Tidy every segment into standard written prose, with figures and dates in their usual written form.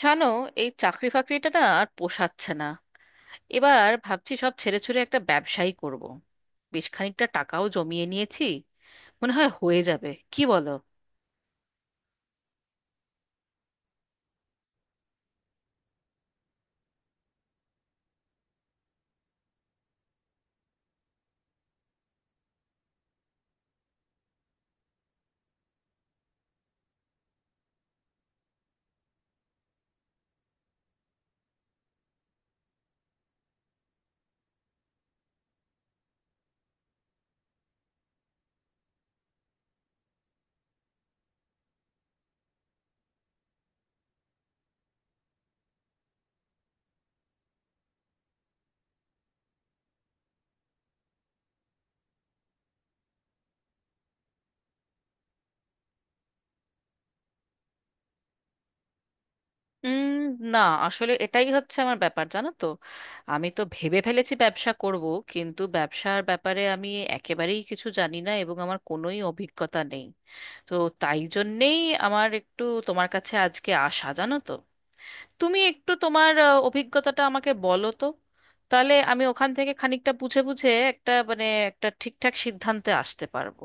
জানো, এই চাকরি ফাকরিটা না আর পোষাচ্ছে না। এবার ভাবছি সব ছেড়ে ছুড়ে একটা ব্যবসাই করব। বেশ খানিকটা টাকাও জমিয়ে নিয়েছি, মনে হয় হয়ে যাবে, কি বলো? উম না, আসলে এটাই হচ্ছে আমার ব্যাপার, জানো তো। আমি তো ভেবে ফেলেছি ব্যবসা করব, কিন্তু ব্যবসার ব্যাপারে আমি একেবারেই কিছু জানি না, এবং আমার কোনোই অভিজ্ঞতা নেই। তো তাই জন্যেই আমার একটু তোমার কাছে আজকে আসা, জানো তো। তুমি একটু তোমার অভিজ্ঞতাটা আমাকে বলো তো, তাহলে আমি ওখান থেকে খানিকটা বুঝে বুঝে একটা মানে একটা ঠিকঠাক সিদ্ধান্তে আসতে পারবো।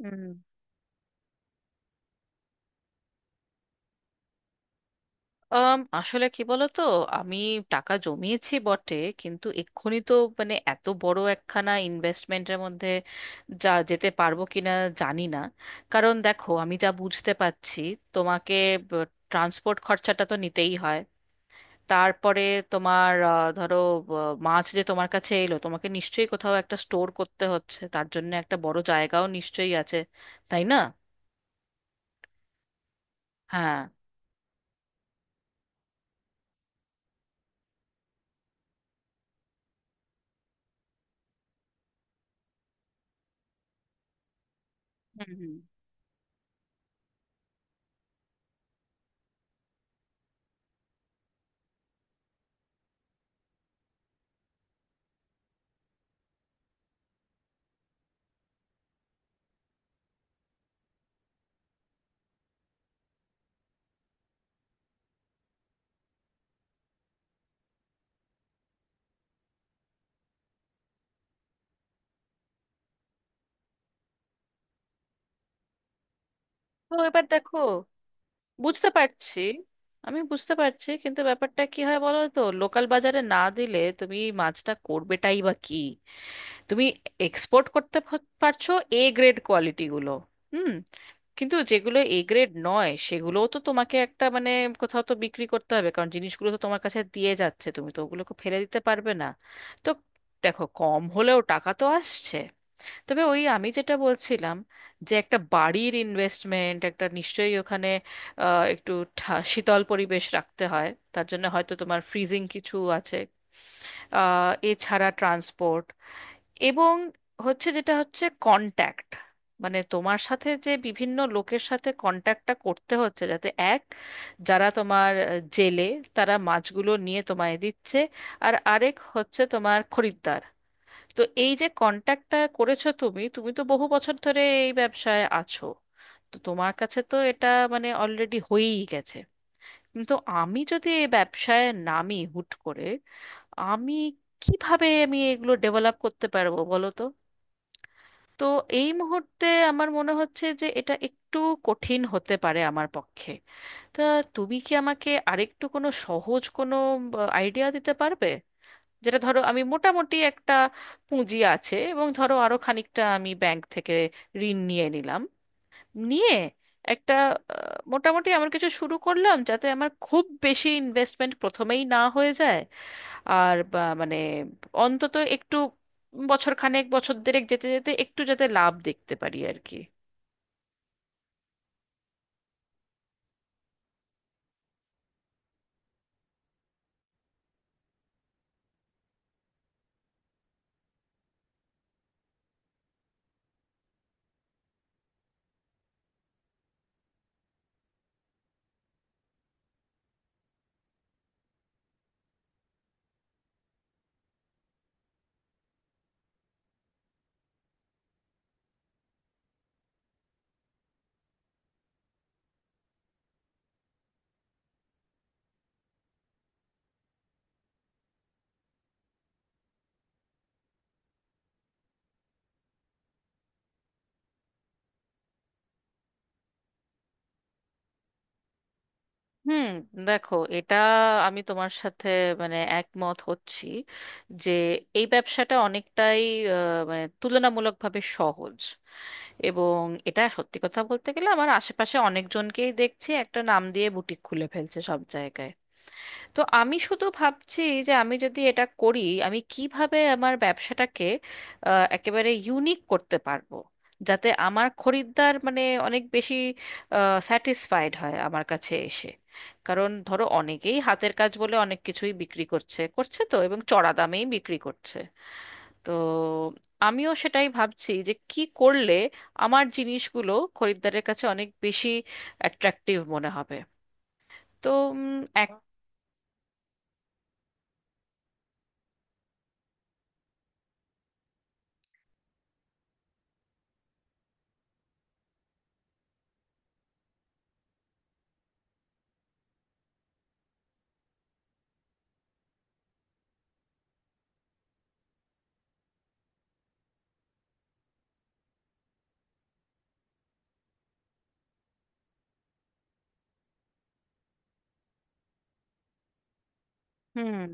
হুম। আসলে কি বলো তো, আমি টাকা জমিয়েছি বটে, কিন্তু এক্ষুনি তো মানে এত বড় একখানা ইনভেস্টমেন্টের মধ্যে যা যেতে পারবো কিনা জানি না। কারণ দেখো, আমি যা বুঝতে পারছি, তোমাকে ট্রান্সপোর্ট খরচাটা তো নিতেই হয়। তারপরে তোমার ধরো, মাছ যে তোমার কাছে এলো, তোমাকে নিশ্চয়ই কোথাও একটা স্টোর করতে হচ্ছে, তার জন্য একটা বড় জায়গাও নিশ্চয়ই আছে, তাই না? হ্যাঁ। হুম হুম। তো এবার দেখো, বুঝতে পারছি। আমি বুঝতে পারছি, কিন্তু ব্যাপারটা কি হয় বলো তো, লোকাল বাজারে না দিলে তুমি মাছটা করবেটাই বা কি? তুমি এক্সপোর্ট করতে পারছো এ গ্রেড কোয়ালিটি গুলো। হুম। কিন্তু যেগুলো এ গ্রেড নয়, সেগুলোও তো তোমাকে একটা মানে কোথাও তো বিক্রি করতে হবে, কারণ জিনিসগুলো তো তোমার কাছে দিয়ে যাচ্ছে, তুমি তো ওগুলোকে ফেলে দিতে পারবে না। তো দেখো, কম হলেও টাকা তো আসছে। তবে ওই আমি যেটা বলছিলাম, যে একটা বাড়ির ইনভেস্টমেন্ট একটা নিশ্চয়ই ওখানে একটু শীতল পরিবেশ রাখতে হয়, তার জন্য হয়তো তোমার ফ্রিজিং কিছু আছে। এছাড়া ট্রান্সপোর্ট, এবং হচ্ছে যেটা হচ্ছে কন্ট্যাক্ট। মানে তোমার সাথে যে বিভিন্ন লোকের সাথে কন্ট্যাক্টটা করতে হচ্ছে, যাতে এক, যারা তোমার জেলে, তারা মাছগুলো নিয়ে তোমায় দিচ্ছে, আর আরেক হচ্ছে তোমার খরিদ্দার। তো এই যে কন্ট্যাক্টটা করেছো তুমি, তো বহু বছর ধরে এই ব্যবসায় আছো, তো তোমার কাছে তো এটা মানে অলরেডি হয়েই গেছে। কিন্তু আমি যদি এই ব্যবসায় নামি হুট করে, আমি কিভাবে আমি এগুলো ডেভেলপ করতে পারবো বলো তো? তো এই মুহূর্তে আমার মনে হচ্ছে যে এটা একটু কঠিন হতে পারে আমার পক্ষে। তা তুমি কি আমাকে আরেকটু কোনো সহজ কোনো আইডিয়া দিতে পারবে, যেটা ধরো আমি মোটামুটি একটা পুঁজি আছে, এবং ধরো আরো খানিকটা আমি ব্যাংক থেকে ঋণ নিয়ে নিলাম, নিয়ে একটা মোটামুটি আমার কিছু শুরু করলাম, যাতে আমার খুব বেশি ইনভেস্টমেন্ট প্রথমেই না হয়ে যায়। আর মানে অন্তত একটু বছর খানেক বছর দেড়েক যেতে যেতে একটু যাতে লাভ দেখতে পারি আর কি। হুম। দেখো, এটা আমি তোমার সাথে মানে একমত হচ্ছি, যে এই ব্যবসাটা অনেকটাই আহ, মানে তুলনামূলকভাবে সহজ। এবং এটা সত্যি কথা বলতে গেলে আমার আশেপাশে অনেকজনকেই দেখছি একটা নাম দিয়ে বুটিক খুলে ফেলছে সব জায়গায়। তো আমি শুধু ভাবছি যে আমি যদি এটা করি, আমি কিভাবে আমার ব্যবসাটাকে একেবারে ইউনিক করতে পারবো, যাতে আমার খরিদ্দার মানে অনেক বেশি স্যাটিসফাইড হয় আমার কাছে এসে। কারণ ধরো, অনেকেই হাতের কাজ বলে অনেক কিছুই বিক্রি করছে করছে তো, এবং চড়া দামেই বিক্রি করছে। তো আমিও সেটাই ভাবছি যে কি করলে আমার জিনিসগুলো খরিদ্দারের কাছে অনেক বেশি অ্যাট্রাকটিভ মনে হবে। তো উম, এক। হুম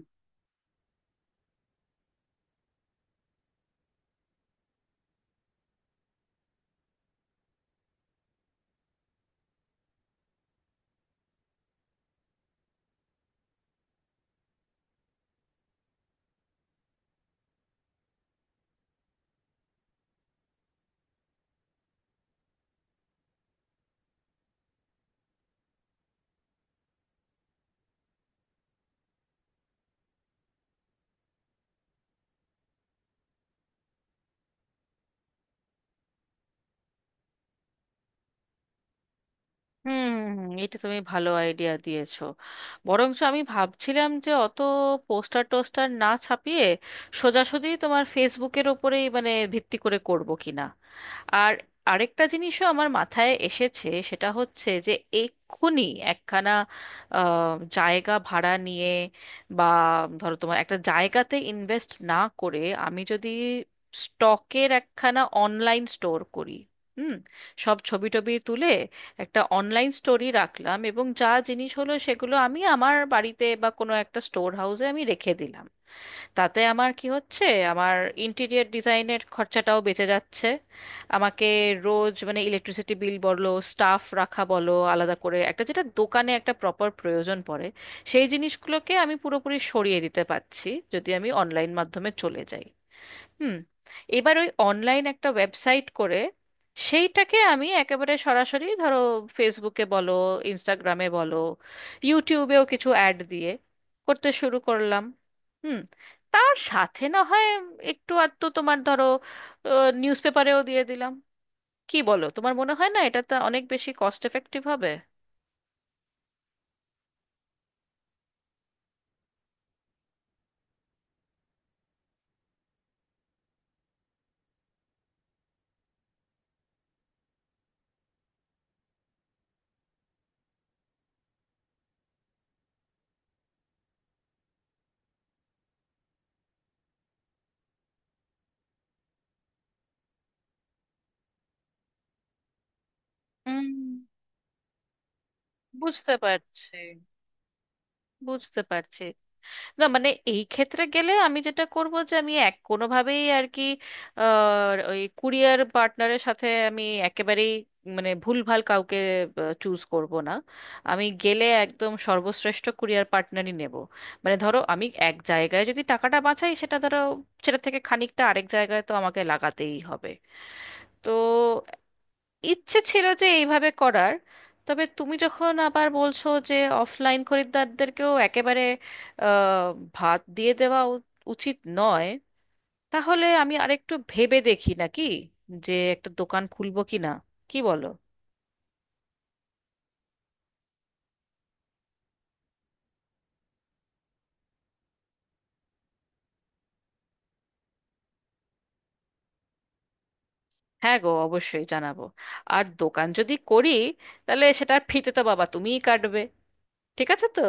হুম হুম হুম, এটা তুমি ভালো আইডিয়া দিয়েছো। বরঞ্চ আমি ভাবছিলাম যে অত পোস্টার টোস্টার না ছাপিয়ে সোজাসুজি তোমার ফেসবুকের ওপরেই মানে ভিত্তি করে করব কিনা। আর আরেকটা জিনিসও আমার মাথায় এসেছে, সেটা হচ্ছে যে এক্ষুনি একখানা জায়গা ভাড়া নিয়ে বা ধরো তোমার একটা জায়গাতে ইনভেস্ট না করে আমি যদি স্টকের একখানা অনলাইন স্টোর করি। হুম। সব ছবি টবি তুলে একটা অনলাইন স্টোরি রাখলাম, এবং যা জিনিস হলো সেগুলো আমি আমার বাড়িতে বা কোনো একটা স্টোর হাউসে আমি রেখে দিলাম। তাতে আমার কি হচ্ছে, আমার ইন্টেরিয়ার ডিজাইনের খরচাটাও বেঁচে যাচ্ছে। আমাকে রোজ মানে ইলেকট্রিসিটি বিল বলো, স্টাফ রাখা বলো, আলাদা করে একটা যেটা দোকানে একটা প্রপার প্রয়োজন পড়ে, সেই জিনিসগুলোকে আমি পুরোপুরি সরিয়ে দিতে পারছি যদি আমি অনলাইন মাধ্যমে চলে যাই। হুম। এবার ওই অনলাইন একটা ওয়েবসাইট করে সেইটাকে আমি একেবারে সরাসরি ধরো ফেসবুকে বলো, ইনস্টাগ্রামে বলো, ইউটিউবেও কিছু অ্যাড দিয়ে করতে শুরু করলাম। হুম। তার সাথে না হয় একটু আধটু তোমার ধরো নিউজ পেপারেও দিয়ে দিলাম। কি বলো, তোমার মনে হয় না এটা তো অনেক বেশি কস্ট এফেক্টিভ হবে? উম, বুঝতে পারছি। বুঝতে পারছি। না মানে এই ক্ষেত্রে গেলে আমি যেটা করব যে আমি এক কোনোভাবেই আর কি ওই কুরিয়ার পার্টনারের সাথে আমি একেবারেই মানে ভুলভাল কাউকে চুজ করব না। আমি গেলে একদম সর্বশ্রেষ্ঠ কুরিয়ার পার্টনারই নেব। মানে ধরো, আমি এক জায়গায় যদি টাকাটা বাঁচাই, সেটা ধরো সেটা থেকে খানিকটা আরেক জায়গায় তো আমাকে লাগাতেই হবে। তো ইচ্ছে ছিল যে এইভাবে করার। তবে তুমি যখন আবার বলছো যে অফলাইন খরিদ্দারদেরকেও একেবারে আহ, ভাত দিয়ে দেওয়া উচিত নয়, তাহলে আমি আরেকটু ভেবে দেখি নাকি যে একটা দোকান খুলবো কি না, কি বলো? হ্যাঁ গো, অবশ্যই জানাবো। আর দোকান যদি করি, তাহলে সেটার ফিতে তো বাবা তুমিই কাটবে, ঠিক আছে তো?